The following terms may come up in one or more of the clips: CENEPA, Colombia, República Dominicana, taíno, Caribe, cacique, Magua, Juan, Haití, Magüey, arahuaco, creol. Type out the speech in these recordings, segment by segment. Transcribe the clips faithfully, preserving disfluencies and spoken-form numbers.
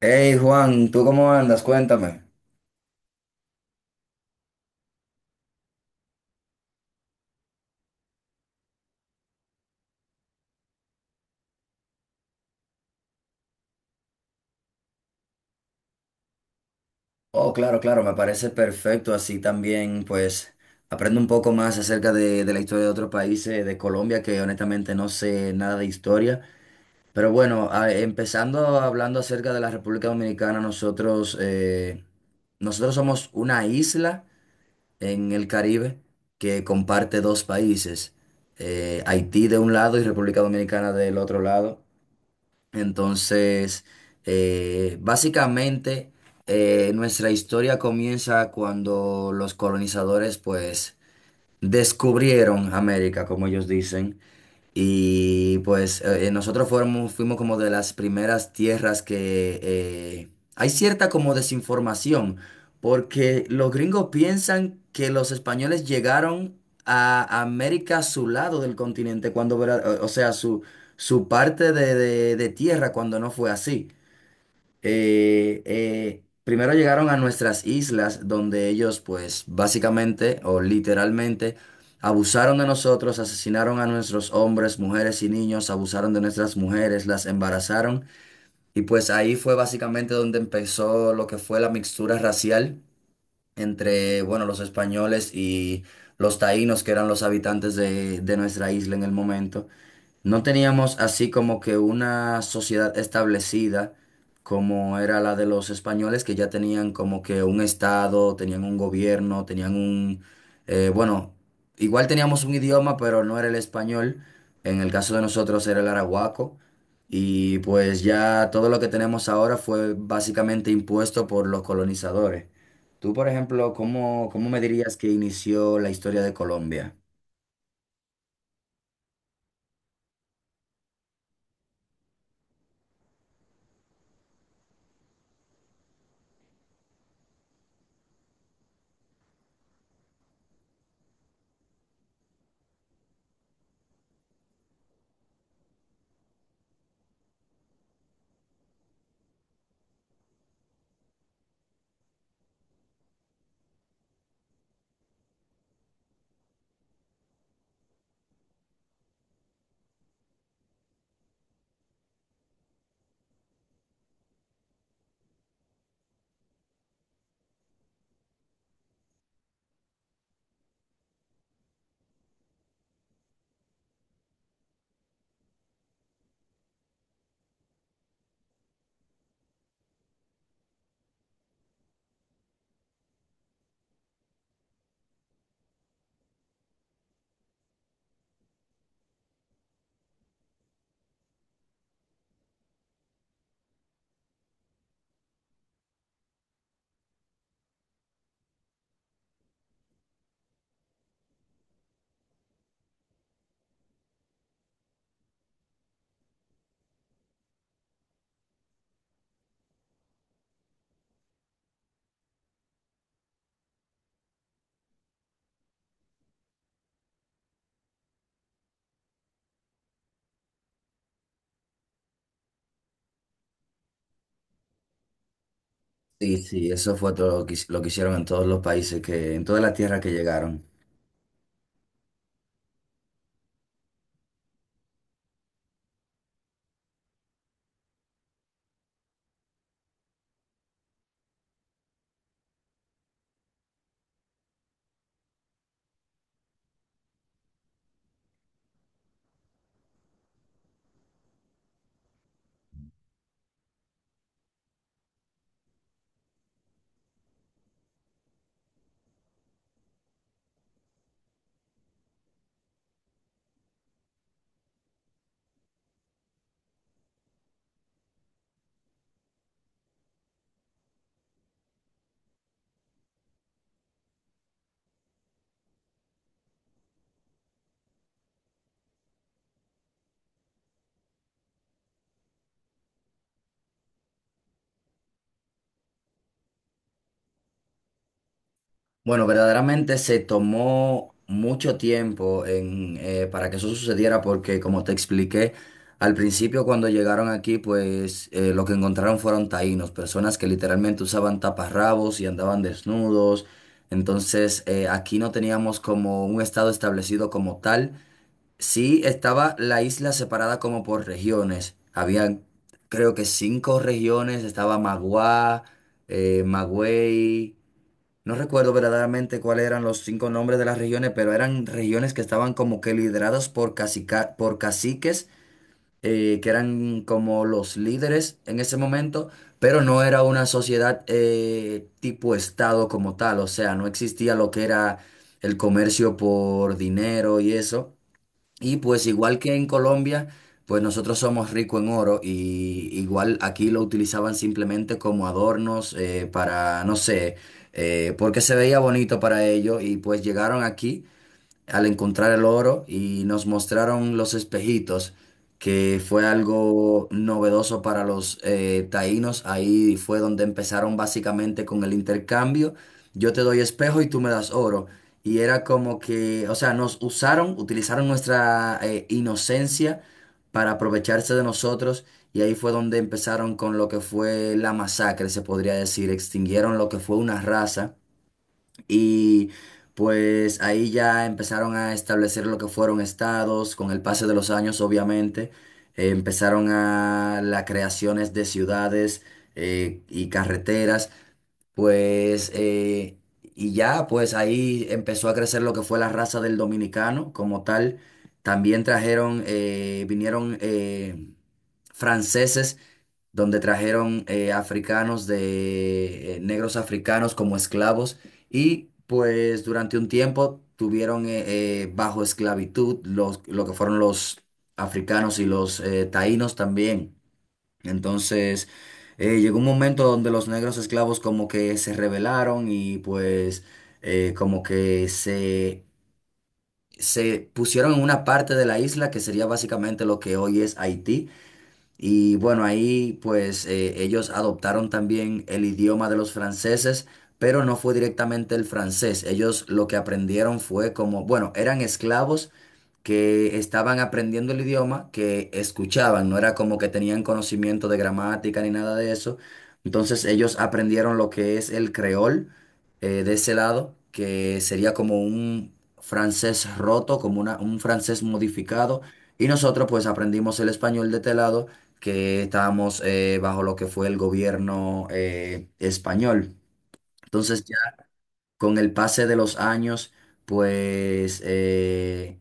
Hey Juan, ¿tú cómo andas? Cuéntame. Oh, claro, claro, me parece perfecto. Así también, pues, aprendo un poco más acerca de, de la historia de otros países, de Colombia, que honestamente no sé nada de historia. Pero bueno, a- empezando hablando acerca de la República Dominicana, nosotros, eh, nosotros somos una isla en el Caribe que comparte dos países, eh, Haití de un lado y República Dominicana del otro lado. Entonces, eh, básicamente, eh, nuestra historia comienza cuando los colonizadores, pues, descubrieron América, como ellos dicen. Y pues eh, nosotros fuimos, fuimos como de las primeras tierras que eh, hay cierta como desinformación, porque los gringos piensan que los españoles llegaron a América a su lado del continente, cuando, vera- o o sea, su, su parte de, de- de tierra, cuando no fue así eh, eh, primero llegaron a nuestras islas donde ellos pues básicamente o literalmente abusaron de nosotros, asesinaron a nuestros hombres, mujeres y niños, abusaron de nuestras mujeres, las embarazaron y pues ahí fue básicamente donde empezó lo que fue la mixtura racial entre, bueno, los españoles y los taínos que eran los habitantes de, de nuestra isla en el momento. No teníamos así como que una sociedad establecida como era la de los españoles que ya tenían como que un estado, tenían un gobierno, tenían un... eh, bueno, igual teníamos un idioma, pero no era el español. En el caso de nosotros era el arahuaco. Y pues ya todo lo que tenemos ahora fue básicamente impuesto por los colonizadores. Tú, por ejemplo, ¿cómo, cómo me dirías que inició la historia de Colombia? Sí, sí, eso fue todo lo que, lo que hicieron en todos los países, que, en todas las tierras que llegaron. Bueno, verdaderamente se tomó mucho tiempo en, eh, para que eso sucediera porque, como te expliqué, al principio cuando llegaron aquí, pues eh, lo que encontraron fueron taínos, personas que literalmente usaban taparrabos y andaban desnudos. Entonces, eh, aquí no teníamos como un estado establecido como tal. Sí, estaba la isla separada como por regiones. Había creo que cinco regiones. Estaba Magua, eh, Magüey. No recuerdo verdaderamente cuáles eran los cinco nombres de las regiones, pero eran regiones que estaban como que lideradas por cacica- por caciques, eh, que eran como los líderes en ese momento, pero no era una sociedad eh, tipo estado como tal. O sea, no existía lo que era el comercio por dinero y eso. Y pues igual que en Colombia, pues nosotros somos ricos en oro y igual aquí lo utilizaban simplemente como adornos eh, para, no sé, eh, porque se veía bonito para ellos y pues llegaron aquí al encontrar el oro y nos mostraron los espejitos, que fue algo novedoso para los eh, taínos. Ahí fue donde empezaron básicamente con el intercambio. Yo te doy espejo y tú me das oro. Y era como que, o sea, nos usaron, utilizaron nuestra eh, inocencia para aprovecharse de nosotros. Y ahí fue donde empezaron con lo que fue la masacre, se podría decir. Extinguieron lo que fue una raza. Y pues ahí ya empezaron a establecer lo que fueron estados, con el paso de los años obviamente, eh, empezaron a las creaciones de ciudades eh, y carreteras, pues eh, y ya pues ahí empezó a crecer lo que fue la raza del dominicano como tal. También trajeron, eh, vinieron eh, franceses donde trajeron eh, africanos de eh, negros africanos como esclavos y pues durante un tiempo tuvieron eh, eh, bajo esclavitud los, lo que fueron los africanos y los eh, taínos también. Entonces eh, llegó un momento donde los negros esclavos como que se rebelaron y pues eh, como que se... se pusieron en una parte de la isla que sería básicamente lo que hoy es Haití. Y bueno, ahí pues eh, ellos adoptaron también el idioma de los franceses, pero no fue directamente el francés. Ellos lo que aprendieron fue como, bueno, eran esclavos, que estaban aprendiendo el idioma, que escuchaban, no era como que tenían conocimiento de gramática ni nada de eso. Entonces ellos aprendieron lo que es el creol eh, de ese lado, que sería como un francés roto, como una- un francés modificado. Y nosotros pues aprendimos el español de este lado, que estábamos eh, bajo lo que fue el gobierno eh, español. Entonces con el pase de los años, pues eh,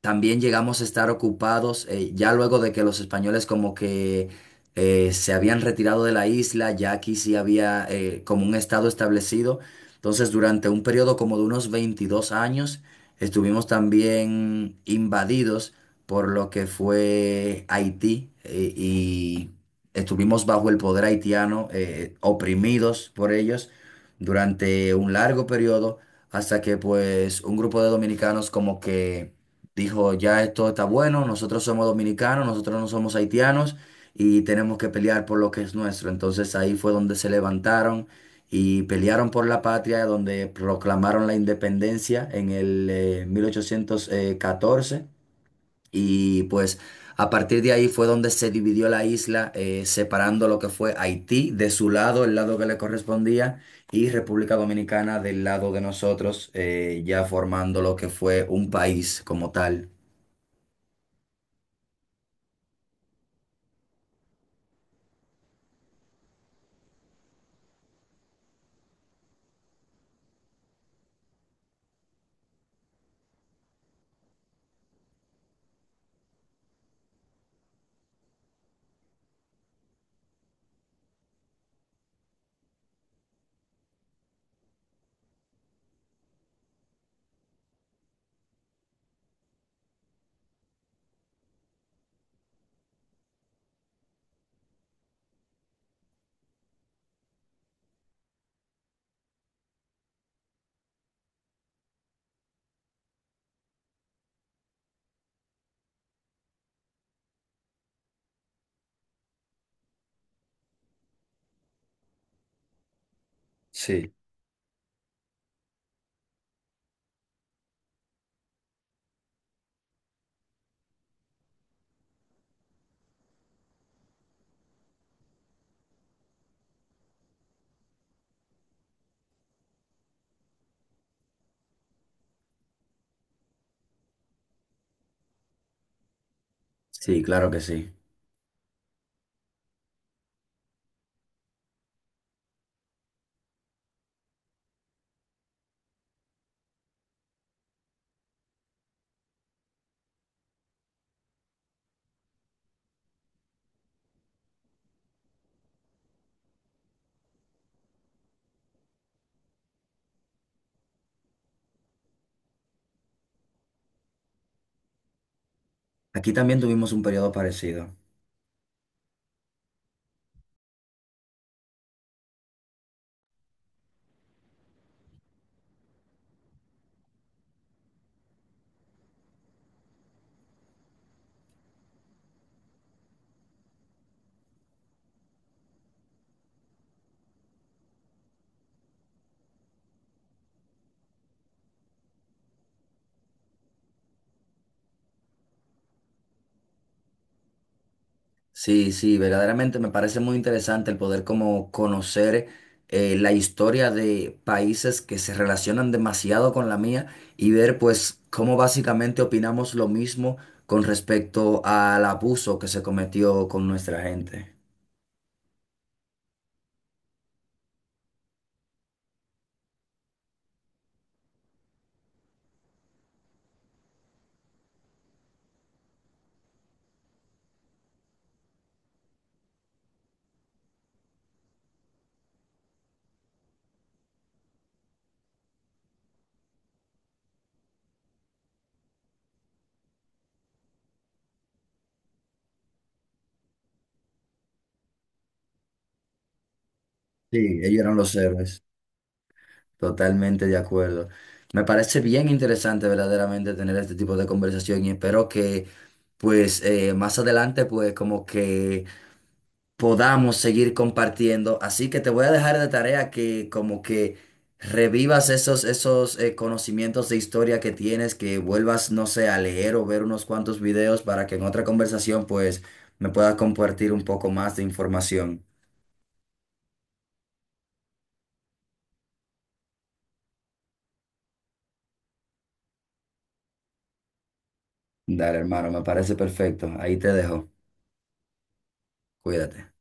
también llegamos a estar ocupados, eh, ya luego de que los españoles como que eh, se habían retirado de la isla, ya aquí sí había eh, como un estado establecido. Entonces, durante un periodo como de unos veintidós años, estuvimos también invadidos por lo que fue Haití eh, y estuvimos bajo el poder haitiano, eh, oprimidos por ellos durante un largo periodo hasta que pues un grupo de dominicanos como que dijo, ya esto está bueno, nosotros somos dominicanos, nosotros no somos haitianos y tenemos que pelear por lo que es nuestro. Entonces ahí fue donde se levantaron y pelearon por la patria, donde proclamaron la independencia en el eh, mil ochocientos catorce. Y pues a partir de ahí fue donde se dividió la isla, eh, separando lo que fue Haití de su lado, el lado que le correspondía, y República Dominicana del lado de nosotros, eh, ya formando lo que fue un país como tal. Sí. Sí, claro que sí. Aquí también tuvimos un periodo parecido. Sí, sí, verdaderamente me parece muy interesante el poder como conocer eh, la historia de países que se relacionan demasiado con la mía y ver pues cómo básicamente opinamos lo mismo con respecto al abuso que se cometió con nuestra gente. Sí, ellos eran los héroes, totalmente de acuerdo. Me parece bien interesante verdaderamente tener este tipo de conversación y espero que pues eh, más adelante pues como que podamos seguir compartiendo. Así que te voy a dejar de tarea que como que revivas esos, esos eh, conocimientos de historia que tienes, que vuelvas, no sé, a leer o ver unos cuantos videos para que en otra conversación pues me puedas compartir un poco más de información. Dale, hermano, me parece perfecto. Ahí te dejo. Cuídate.